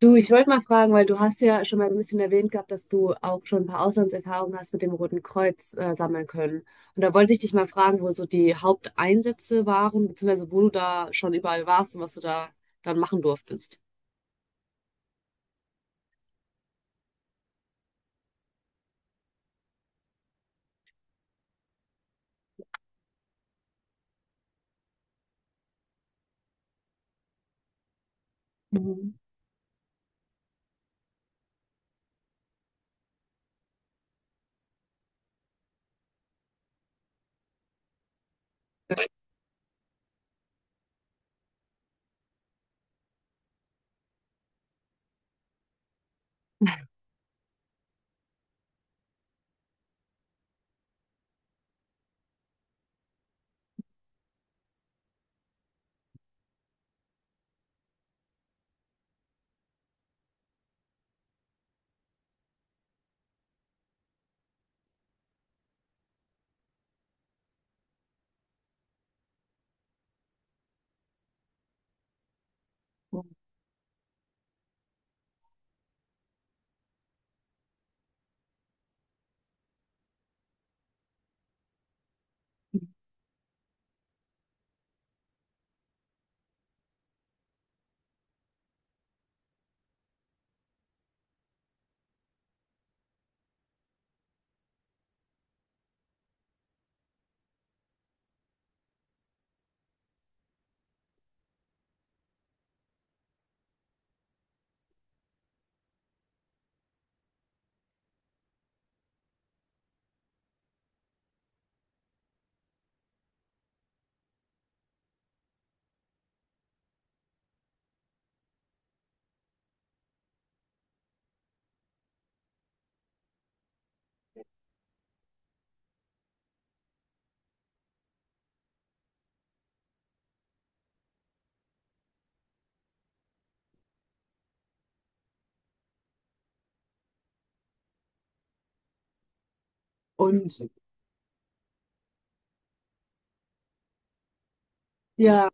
Du, ich wollte mal fragen, weil du hast ja schon mal ein bisschen erwähnt gehabt, dass du auch schon ein paar Auslandserfahrungen hast mit dem Roten Kreuz sammeln können. Und da wollte ich dich mal fragen, wo so die Haupteinsätze waren, beziehungsweise wo du da schon überall warst und was du da dann machen durftest. Mhm. Und ja,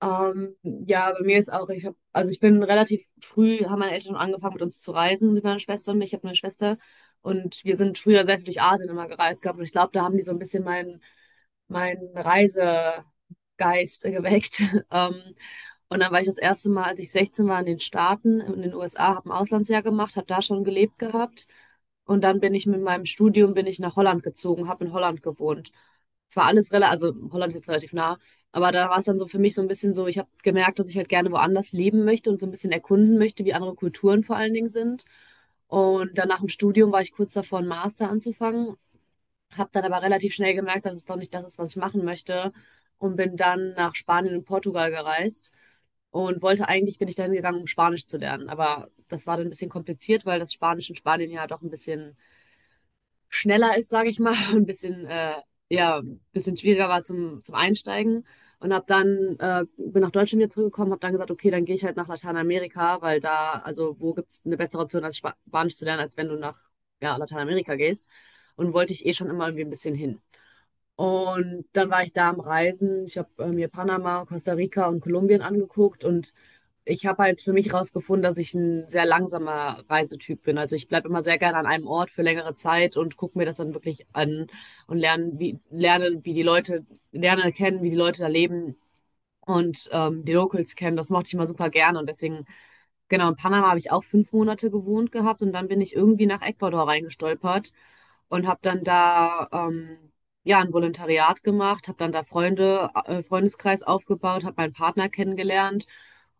Ja, bei mir ist auch, ich hab, also ich bin relativ früh, haben meine Eltern schon angefangen mit uns zu reisen, mit meiner Schwester und mir. Ich habe eine Schwester und wir sind früher sehr viel durch Asien immer gereist gehabt und ich glaube, da haben die so ein bisschen meinen Reisegeist geweckt. Ähm, und dann war ich das erste Mal, als ich 16 war, in den Staaten, in den USA, habe ein Auslandsjahr gemacht, habe da schon gelebt gehabt und dann bin ich mit meinem Studium bin ich nach Holland gezogen, habe in Holland gewohnt. Es war alles relativ, also Holland ist jetzt relativ nah, aber da war es dann so für mich so ein bisschen so, ich habe gemerkt, dass ich halt gerne woanders leben möchte und so ein bisschen erkunden möchte, wie andere Kulturen vor allen Dingen sind. Und dann nach dem Studium war ich kurz davor, einen Master anzufangen, habe dann aber relativ schnell gemerkt, dass es doch nicht das ist, was ich machen möchte, und bin dann nach Spanien und Portugal gereist und wollte eigentlich, bin ich dahin gegangen, um Spanisch zu lernen. Aber das war dann ein bisschen kompliziert, weil das Spanisch in Spanien ja doch ein bisschen schneller ist, sage ich mal, und ein bisschen, ja, ein bisschen schwieriger war zum Einsteigen. Und habe dann, bin nach Deutschland wieder zurückgekommen, habe dann gesagt, okay, dann gehe ich halt nach Lateinamerika, weil da, also wo gibt's eine bessere Option, als Spanisch zu lernen, als wenn du nach, ja, Lateinamerika gehst. Und wollte ich eh schon immer irgendwie ein bisschen hin. Und dann war ich da am Reisen. Ich habe mir Panama, Costa Rica und Kolumbien angeguckt und ich habe halt für mich herausgefunden, dass ich ein sehr langsamer Reisetyp bin. Also ich bleibe immer sehr gerne an einem Ort für längere Zeit und gucke mir das dann wirklich an und lerne, lerne kennen, wie die Leute da leben und die Locals kennen. Das mochte ich immer super gerne und deswegen genau, in Panama habe ich auch 5 Monate gewohnt gehabt und dann bin ich irgendwie nach Ecuador reingestolpert und habe dann da ja ein Volontariat gemacht, habe dann da Freunde, Freundeskreis aufgebaut, habe meinen Partner kennengelernt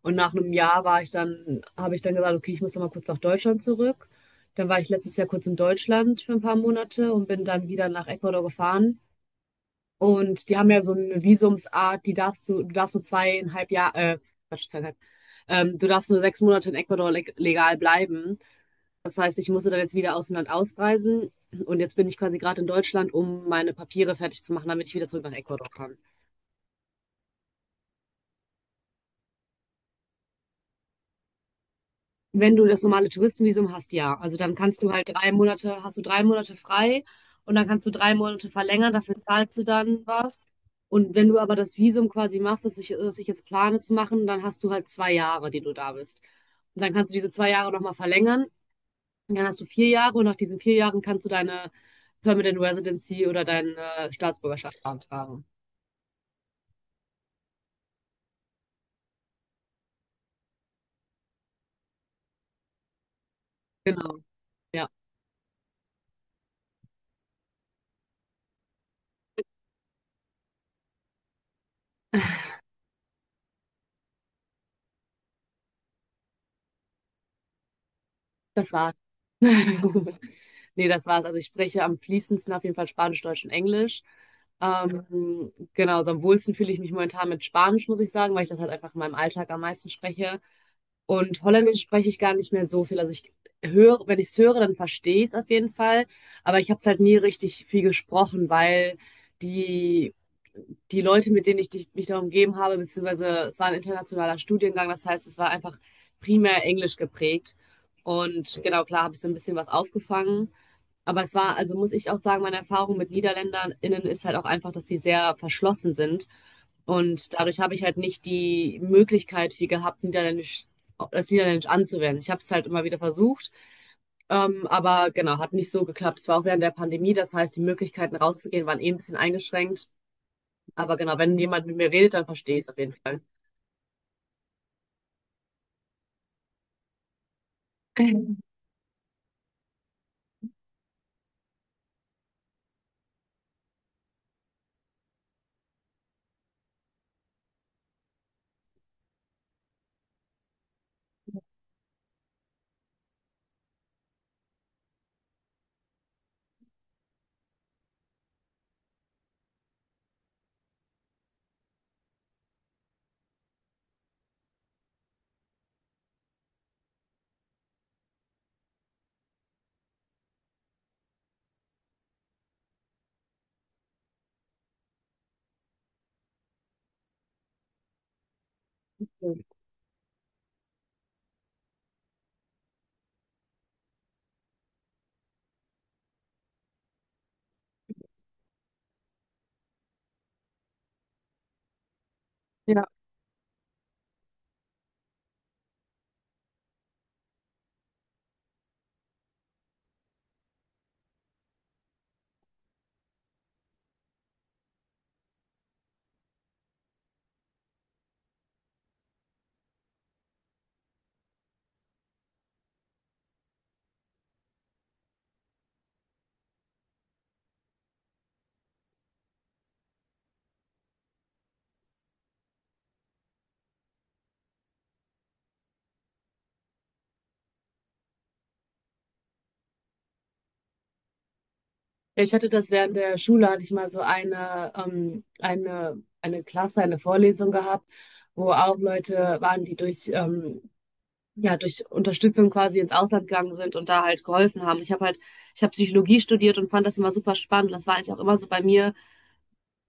und nach einem Jahr war ich dann, habe ich dann gesagt, okay, ich muss noch mal kurz nach Deutschland zurück. Dann war ich letztes Jahr kurz in Deutschland für ein paar Monate und bin dann wieder nach Ecuador gefahren, und die haben ja so eine Visumsart, die darfst du, du darfst nur zweieinhalb Jahre, Quatsch, zweieinhalb, du darfst nur 6 Monate in Ecuador legal bleiben. Das heißt, ich musste dann jetzt wieder aus dem Land ausreisen und jetzt bin ich quasi gerade in Deutschland, um meine Papiere fertig zu machen, damit ich wieder zurück nach Ecuador kann. Wenn du das normale Touristenvisum hast, ja. Also dann kannst du halt 3 Monate, hast du 3 Monate frei und dann kannst du 3 Monate verlängern, dafür zahlst du dann was. Und wenn du aber das Visum quasi machst, das ich jetzt plane zu machen, dann hast du halt 2 Jahre, die du da bist. Und dann kannst du diese 2 Jahre nochmal verlängern. Und dann hast du 4 Jahre und nach diesen 4 Jahren kannst du deine Permanent Residency oder deine Staatsbürgerschaft beantragen. Genau. Ja, das war's. Nee, das war's. Also ich spreche am fließendsten auf jeden Fall Spanisch, Deutsch und Englisch. Genau, so am wohlsten fühle ich mich momentan mit Spanisch, muss ich sagen, weil ich das halt einfach in meinem Alltag am meisten spreche. Und Holländisch spreche ich gar nicht mehr so viel. Also ich höre, wenn ich es höre, dann verstehe ich es auf jeden Fall. Aber ich habe es halt nie richtig viel gesprochen, weil die, die Leute, mit denen ich mich da umgeben habe, beziehungsweise es war ein internationaler Studiengang, das heißt, es war einfach primär Englisch geprägt. Und genau, klar, habe ich so ein bisschen was aufgefangen. Aber es war, also muss ich auch sagen, meine Erfahrung mit NiederländerInnen ist halt auch einfach, dass die sehr verschlossen sind. Und dadurch habe ich halt nicht die Möglichkeit viel gehabt, Niederländisch das Niederländisch anzuwenden. Ich habe es halt immer wieder versucht, aber genau, hat nicht so geklappt. Es war auch während der Pandemie, das heißt, die Möglichkeiten rauszugehen waren eh ein bisschen eingeschränkt. Aber genau, wenn jemand mit mir redet, dann verstehe ich es auf jeden Fall. Ja, ich hatte das während der Schule, hatte ich mal so eine, eine Klasse, eine Vorlesung gehabt, wo auch Leute waren, die durch, ja, durch Unterstützung quasi ins Ausland gegangen sind und da halt geholfen haben. Ich habe halt, ich habe Psychologie studiert und fand das immer super spannend. Das war eigentlich auch immer so bei mir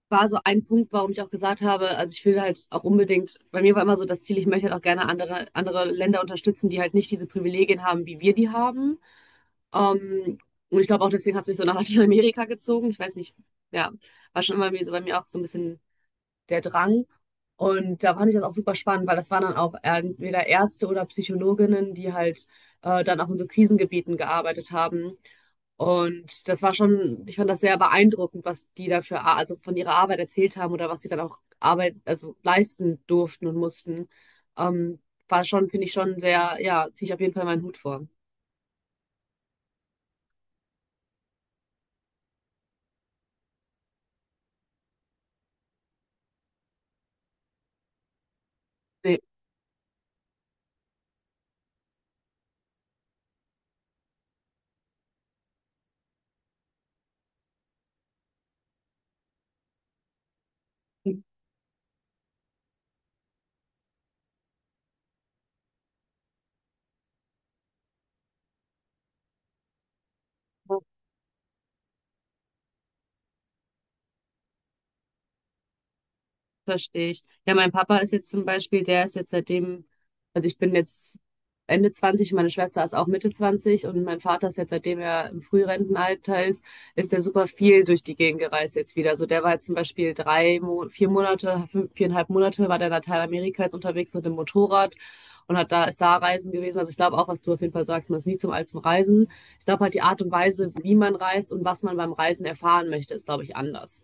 war so ein Punkt, warum ich auch gesagt habe, also ich will halt auch unbedingt, bei mir war immer so das Ziel, ich möchte halt auch gerne andere Länder unterstützen, die halt nicht diese Privilegien haben, wie wir die haben. Ähm, und ich glaube auch deswegen hat es mich so nach Lateinamerika gezogen. Ich weiß nicht, ja, war schon immer mir so bei mir auch so ein bisschen der Drang. Und da fand ich das auch super spannend, weil das waren dann auch entweder Ärzte oder Psychologinnen, die halt dann auch in so Krisengebieten gearbeitet haben. Und das war schon, ich fand das sehr beeindruckend, was die dafür, also von ihrer Arbeit erzählt haben oder was sie dann auch Arbeit, also leisten durften und mussten. Ähm, war schon, finde ich schon sehr, ja, ziehe ich auf jeden Fall meinen Hut vor. Nee. Verstehe ich. Ja, mein Papa ist jetzt zum Beispiel, der ist jetzt seitdem, also ich bin jetzt Ende 20, meine Schwester ist auch Mitte 20 und mein Vater ist jetzt, seitdem er im Frührentenalter ist, ist er super viel durch die Gegend gereist jetzt wieder. Also der war jetzt zum Beispiel 4 Monate, 4,5 Monate war der in Lateinamerika jetzt unterwegs mit dem Motorrad und hat da, ist da reisen gewesen. Also ich glaube auch, was du auf jeden Fall sagst, man ist nie zum Alt zum Reisen. Ich glaube halt die Art und Weise, wie man reist und was man beim Reisen erfahren möchte, ist, glaube ich, anders.